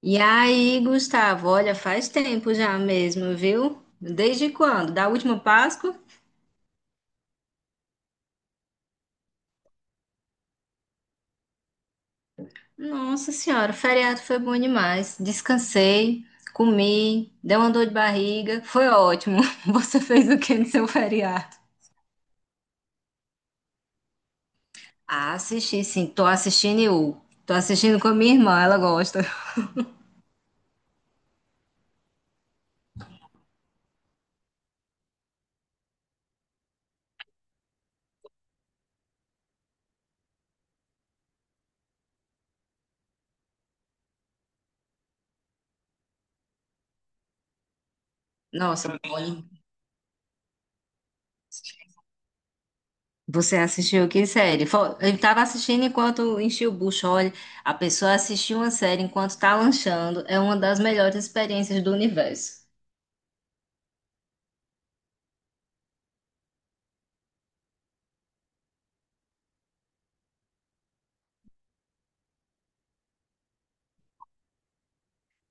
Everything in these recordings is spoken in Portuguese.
E aí, Gustavo, olha, faz tempo já mesmo, viu? Desde quando? Da última Páscoa? Nossa Senhora, o feriado foi bom demais. Descansei, comi, dei uma dor de barriga, foi ótimo. Você fez o que no seu feriado? Ah, assisti sim, tô assistindo eu. Tô assistindo com a minha irmã, ela gosta. Nossa, bom. Você assistiu que série? Ele estava assistindo enquanto enchia o bucho. Olha, a pessoa assistir uma série enquanto está lanchando é uma das melhores experiências do universo.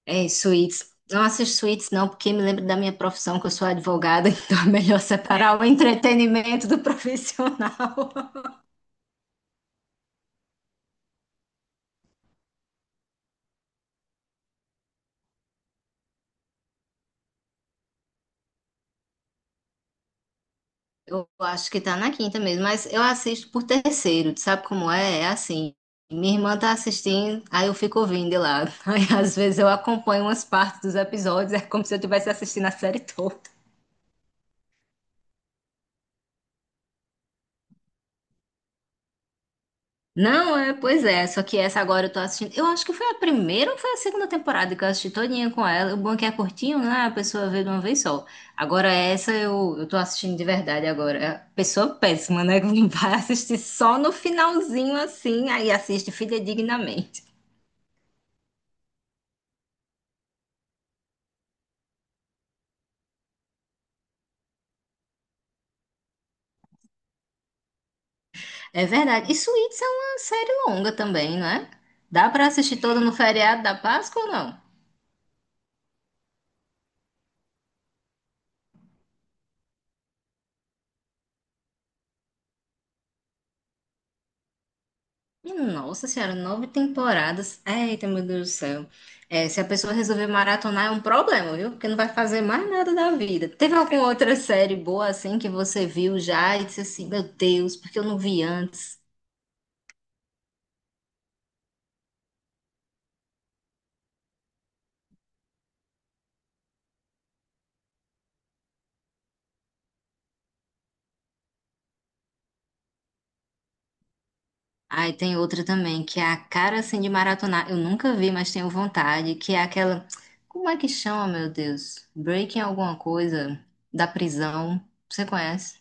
É, suítes. Não assisto suítes, não, porque me lembro da minha profissão, que eu sou advogada, então é melhor separar o entretenimento do profissional. Eu acho que tá na quinta mesmo, mas eu assisto por terceiro, tu sabe como é? É assim, minha irmã tá assistindo, aí eu fico ouvindo de lado. Aí às vezes eu acompanho umas partes dos episódios, é como se eu estivesse assistindo a série toda. Não, é, pois é, só que essa agora eu tô assistindo. Eu acho que foi a primeira ou foi a segunda temporada que eu assisti todinha com ela. O bom é que é curtinho, né? A pessoa vê de uma vez só. Agora essa eu tô assistindo de verdade agora. É pessoa péssima, né? Que vai assistir só no finalzinho assim, aí assiste fidedignamente. É verdade. E Suits é uma série longa também, não é? Dá pra assistir toda no feriado da Páscoa ou não? Nossa senhora, nove temporadas. Eita, meu Deus do céu. É, se a pessoa resolver maratonar é um problema, viu? Porque não vai fazer mais nada da vida. Teve alguma outra série boa assim que você viu já e disse assim, meu Deus, porque eu não vi antes? Aí tem outra também, que é a cara assim de maratonar. Eu nunca vi, mas tenho vontade, que é aquela. Como é que chama, meu Deus? Breaking alguma coisa da prisão. Você conhece?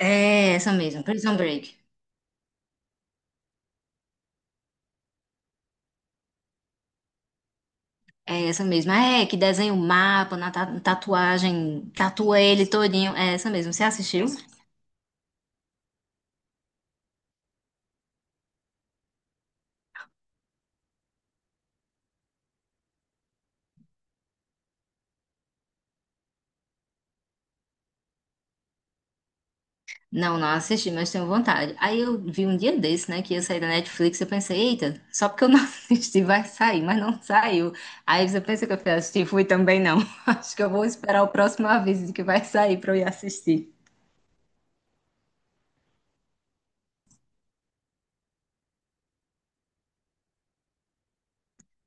É essa mesmo, Prison Break. É essa mesma. É, que desenha o mapa na tatuagem, tatua ele todinho. É essa mesmo. Você assistiu? Não, não assisti, mas tenho vontade. Aí eu vi um dia desse, né, que ia sair da Netflix, eu pensei, eita, só porque eu não assisti vai sair, mas não saiu. Aí você pensa que eu fui assistir, fui também não. Acho que eu vou esperar o próximo aviso de que vai sair pra eu ir assistir.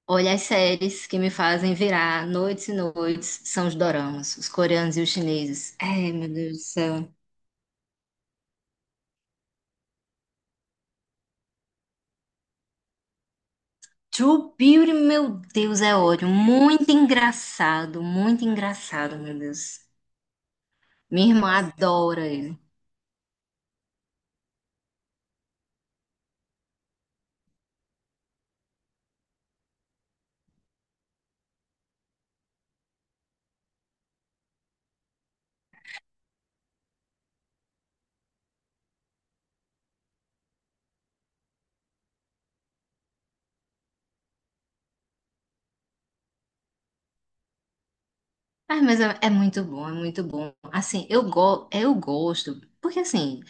Olha, as séries que me fazem virar noites e noites são os doramas, os coreanos e os chineses. Ai, meu Deus do céu. True Beauty, meu Deus, é ódio. Muito engraçado, meu Deus. Minha irmã adora. Ah, mas é, é muito bom, é muito bom. Assim, eu gosto, porque assim,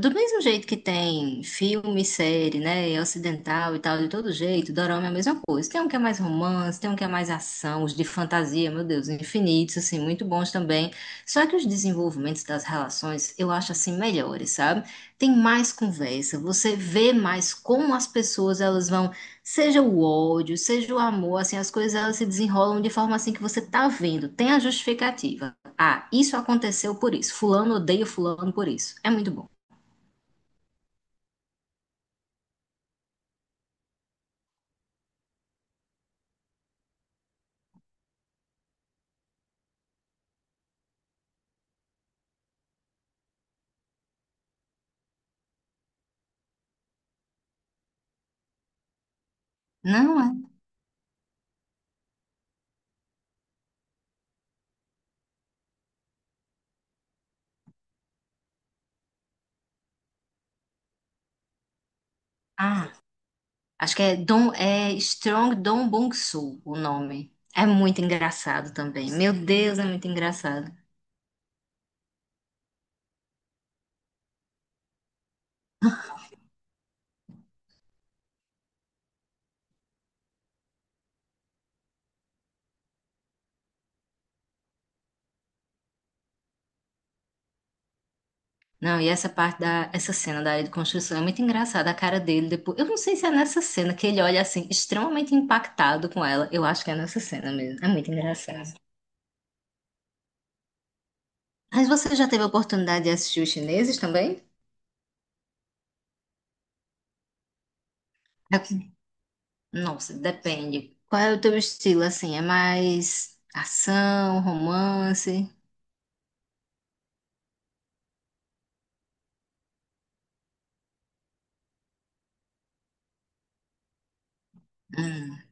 do mesmo jeito que tem filme, série, né, ocidental e tal, de todo jeito, dorama é a mesma coisa. Tem um que é mais romance, tem um que é mais ação, os de fantasia, meu Deus, infinitos, assim, muito bons também. Só que os desenvolvimentos das relações, eu acho assim, melhores, sabe? Tem mais conversa, você vê mais como as pessoas, elas vão. Seja o ódio, seja o amor, assim, as coisas elas se desenrolam de forma assim que você tá vendo, tem a justificativa. Ah, isso aconteceu por isso. Fulano odeia fulano por isso. É muito bom. Não é? Ah, acho que é Dom é Strong Dong Bong-soo o nome. É muito engraçado também. Meu Deus, é muito engraçado. Não, e essa cena da área de construção é muito engraçada, a cara dele depois. Eu não sei se é nessa cena que ele olha assim extremamente impactado com ela. Eu acho que é nessa cena mesmo. É muito engraçado. Mas você já teve a oportunidade de assistir os chineses também? É que- Nossa, depende. Qual é o teu estilo, assim? É mais ação, romance? Hum.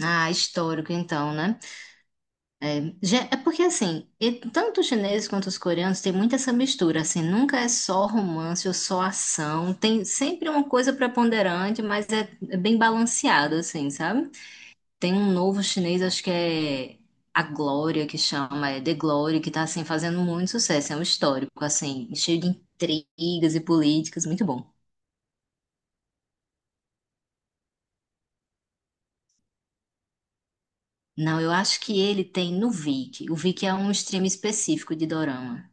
Ah, histórico então, né? É porque, assim, e tanto os chineses quanto os coreanos têm muita essa mistura, assim, nunca é só romance ou só ação. Tem sempre uma coisa preponderante, mas é bem balanceado, assim, sabe? Tem um novo chinês, acho que é a Glória que chama, é The Glory, que tá assim fazendo muito sucesso, é um histórico, assim, cheio de intrigas e políticas, muito bom. Não, eu acho que ele tem no Viki. O Viki é um stream específico de dorama.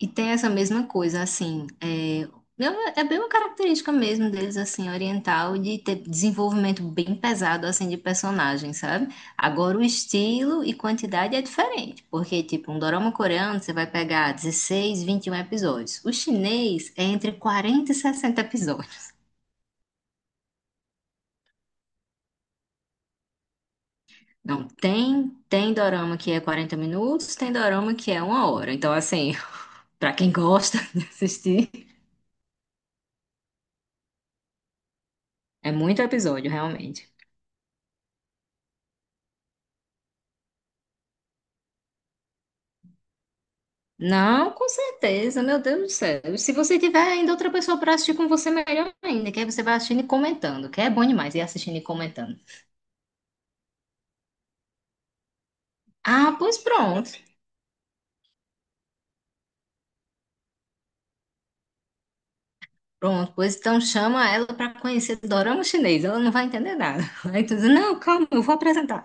E tem essa mesma coisa, assim, é, é bem uma característica mesmo deles, assim, oriental, de ter desenvolvimento bem pesado, assim, de personagem, sabe? Agora, o estilo e quantidade é diferente, porque, tipo, um dorama coreano, você vai pegar 16 21 episódios. O chinês é entre 40 e 60 episódios. Não, tem dorama que é 40 minutos, tem dorama que é uma hora. Então, assim, pra quem gosta de assistir, é muito episódio, realmente. Não, com certeza, meu Deus do céu. E se você tiver ainda outra pessoa para assistir com você, melhor ainda, que aí você vai assistindo e comentando, que é bom demais ir assistindo e comentando. Ah, pois pronto. Pronto, pois então chama ela para conhecer dorama chinês, ela não vai entender nada. Aí tu diz, não, calma, eu vou apresentar.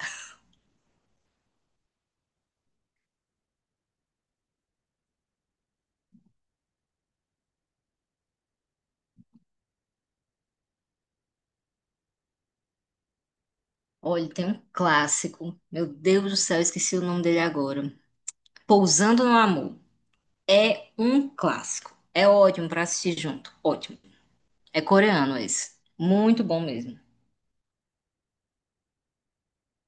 Olha, tem um clássico, meu Deus do céu, esqueci o nome dele agora. Pousando no Amor. É um clássico. É ótimo para assistir junto, ótimo. É coreano esse. Muito bom mesmo.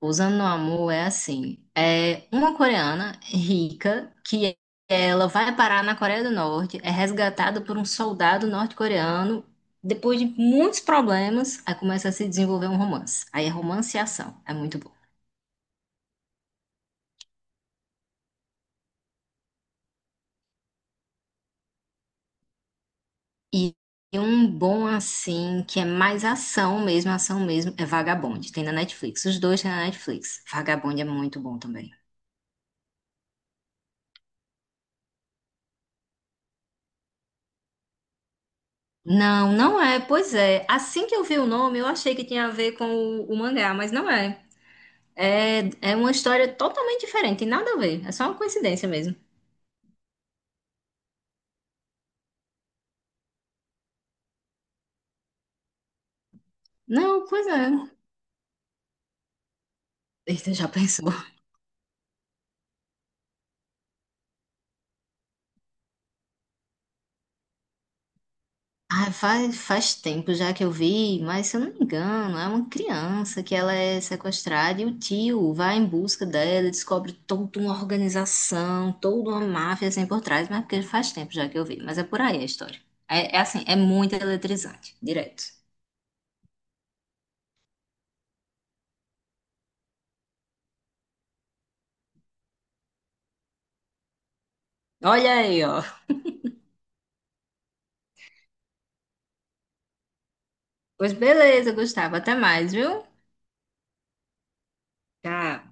Usando no Amor é assim, é uma coreana rica que ela vai parar na Coreia do Norte, é resgatada por um soldado norte-coreano. Depois de muitos problemas, aí começa a se desenvolver um romance. Aí é romance e ação, é muito bom. E um bom assim, que é mais ação mesmo, é Vagabond. Tem na Netflix. Os dois tem na Netflix. Vagabond é muito bom também. Não, não é. Pois é. Assim que eu vi o nome, eu achei que tinha a ver com o mangá, mas não é. É uma história totalmente diferente, tem nada a ver. É só uma coincidência mesmo. Não, pois é. Eita, já pensou? Ah, faz tempo já que eu vi, mas se eu não me engano, é uma criança que ela é sequestrada e o tio vai em busca dela, e descobre toda uma organização, toda uma máfia assim por trás, mas porque faz tempo já que eu vi. Mas é por aí a história. É assim, é muito eletrizante, direto. Olha aí, ó. Pois beleza, Gustavo, até mais, viu? Tchau.